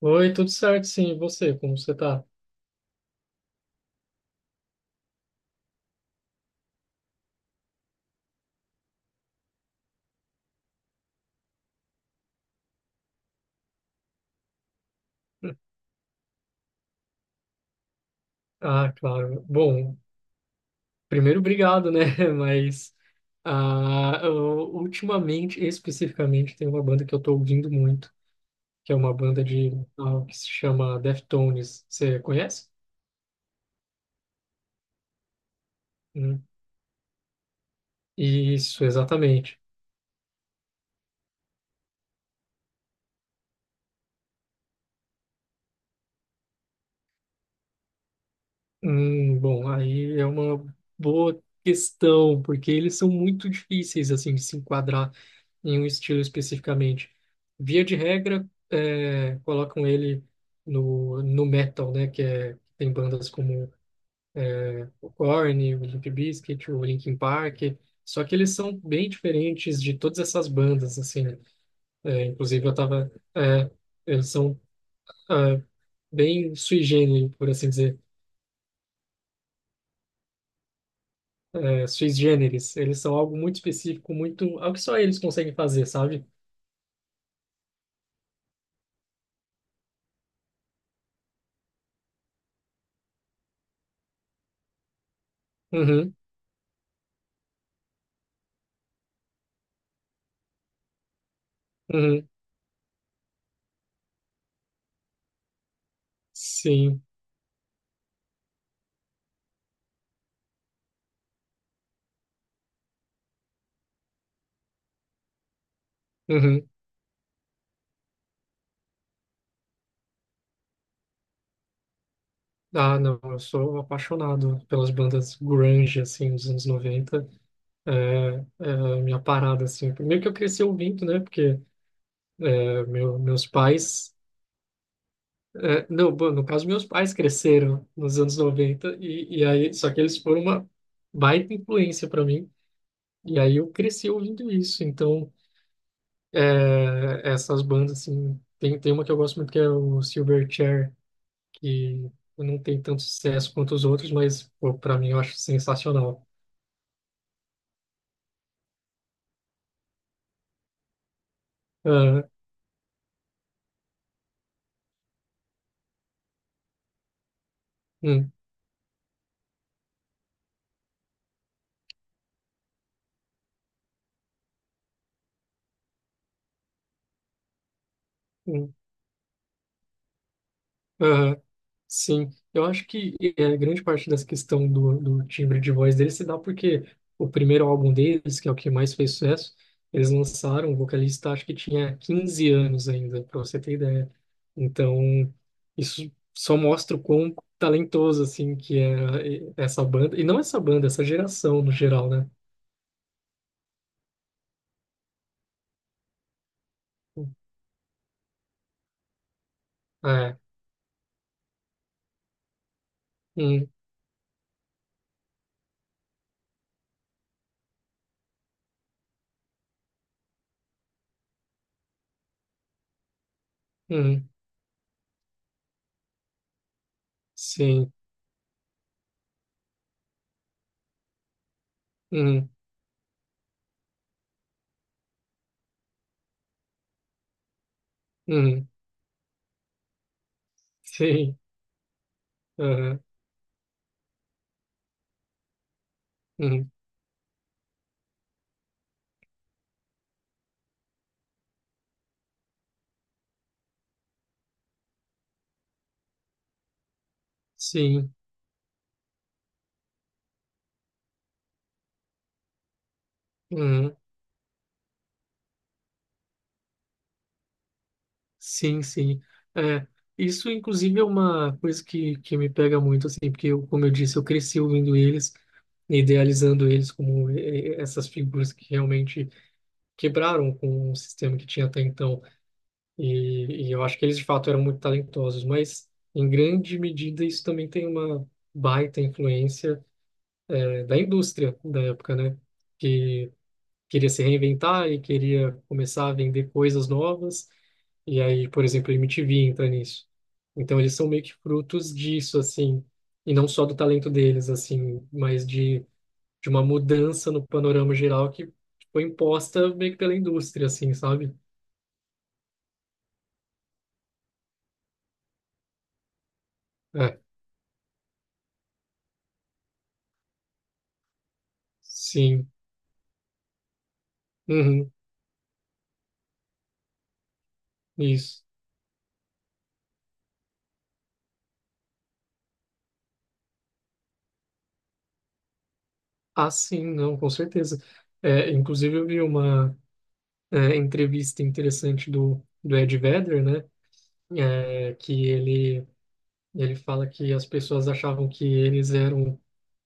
Oi, tudo certo? Sim, e você? Como você tá? Ah, claro. Bom, primeiro, obrigado, né? Mas ah, eu, ultimamente, especificamente, tem uma banda que eu tô ouvindo muito, que é uma banda de metal que se chama Deftones. Você conhece? Hum, Isso, exatamente. Bom, aí é uma boa questão, porque eles são muito difíceis, assim, de se enquadrar em um estilo especificamente. Via de regra, colocam ele no metal, né? Tem bandas como o Korn, o Limp Bizkit, o Linkin Park. Só que eles são bem diferentes de todas essas bandas, assim, né? É, inclusive, eu tava... é, eles são é, bem sui generis, por assim dizer. É, sui generis. Eles são algo muito específico, muito... Algo que só eles conseguem fazer, sabe? Uhum, uhum, sim. Uhum. Ah, não, eu sou apaixonado pelas bandas grunge, assim, dos anos 90. É, é a minha parada, assim. Primeiro que eu cresci ouvindo, né? Porque meu, meus pais... não, bom, no caso, meus pais cresceram nos anos noventa. E aí, só que eles foram uma baita influência para mim. E aí eu cresci ouvindo isso. Então, essas bandas, assim... Tem uma que eu gosto muito que é o Silverchair, que não tem tanto sucesso quanto os outros, mas, pô, para mim, eu acho sensacional. Aham, hum, hum, aham, sim, eu acho que grande parte dessa questão do timbre de voz deles se dá porque o primeiro álbum deles, que é o que mais fez sucesso, eles lançaram, o vocalista acho que tinha 15 anos ainda, para você ter ideia. Então, isso só mostra o quão talentoso, assim, que essa banda, e não essa banda, essa geração no geral, né? Ah, é, hum, hum, sim, hum, hum, sim, aham, hum, sim. Uhum. Sim, sim. É, isso, inclusive, é uma coisa que me pega muito, assim, porque, eu, como eu disse, eu cresci ouvindo eles, idealizando eles como essas figuras que realmente quebraram com o sistema que tinha até então. E eu acho que eles, de fato, eram muito talentosos, mas, em grande medida, isso também tem uma baita influência, da indústria da época, né? Que queria se reinventar e queria começar a vender coisas novas. E aí, por exemplo, a MTV entra nisso. Então eles são meio que frutos disso, assim, e não só do talento deles, assim, mas de uma mudança no panorama geral que foi imposta meio que pela indústria, assim, sabe? É, sim, uhum, isso. Ah, sim, não, com certeza. É, inclusive eu vi uma entrevista interessante do Ed Vedder, né? É, que ele fala que as pessoas achavam que eles eram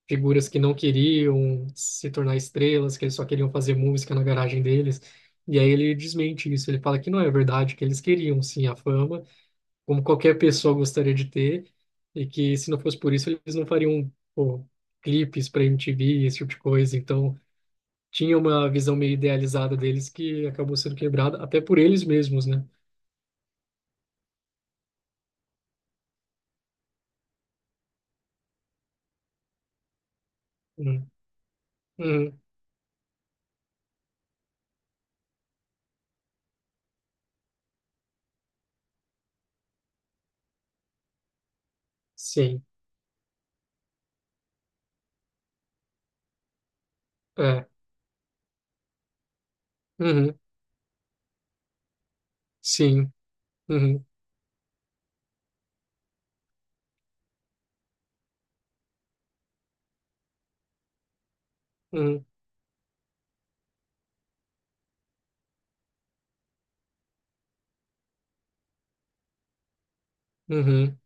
figuras que não queriam se tornar estrelas, que eles só queriam fazer música na garagem deles. E aí ele desmente isso, ele fala que não é verdade, que eles queriam sim a fama, como qualquer pessoa gostaria de ter, e que se não fosse por isso eles não fariam, pô, clipes para MTV, esse tipo de coisa. Então tinha uma visão meio idealizada deles que acabou sendo quebrada até por eles mesmos, né? Uhum. Uhum. Sim. É. Uhum. Sim. Uhum. Uhum. Uhum.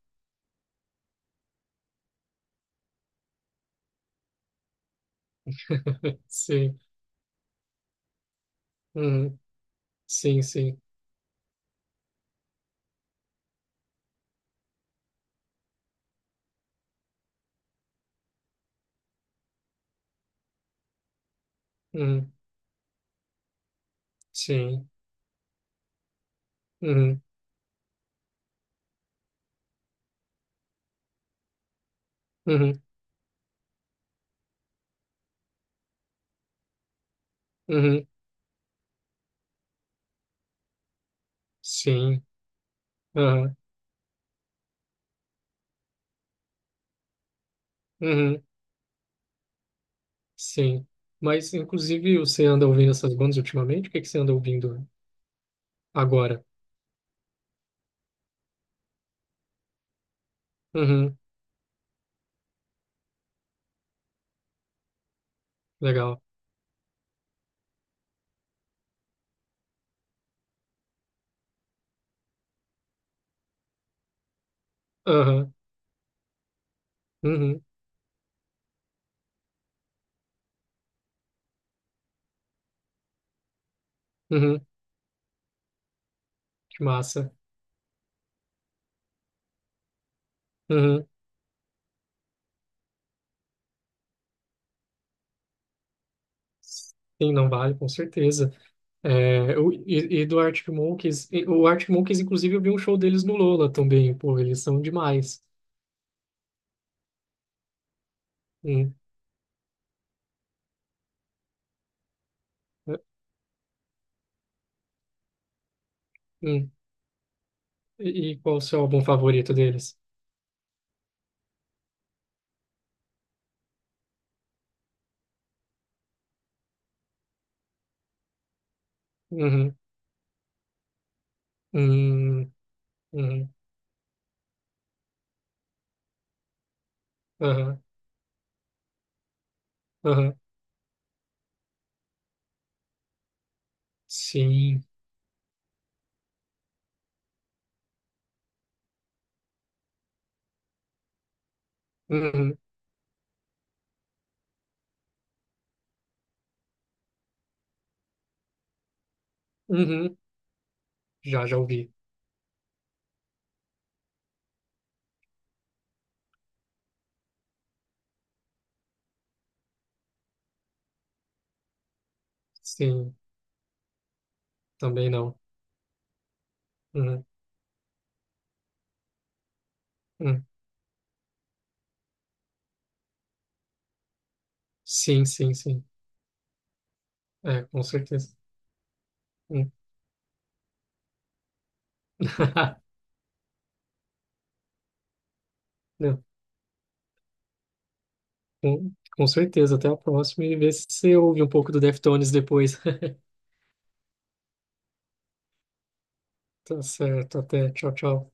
Sim. Uhum. Sim, sim. Uhum, sim. Uhum, uhum, uhum, sim. Aham, uhum, sim. Mas, inclusive, você anda ouvindo essas bandas ultimamente? O que que você anda ouvindo agora? Uhum, legal. Aham, uhum, uhum, que massa. Uhum, sim, não vale, com certeza. É, e do Arctic Monkeys, o Arctic Monkeys, inclusive, eu vi um show deles no Lola também, pô, eles são demais. Hum, é, hum. E qual o seu álbum favorito deles? Uhum, hum, hum. Aham, aham, sim. Uhum, uhum, já, já ouvi. Sim, também não. Uhum, uhum. Sim, sim, sim. É, com certeza. Uhum. Não, com, com certeza. Até a próxima e vê se você ouve um pouco do Deftones depois. Tá certo, até. Tchau, tchau.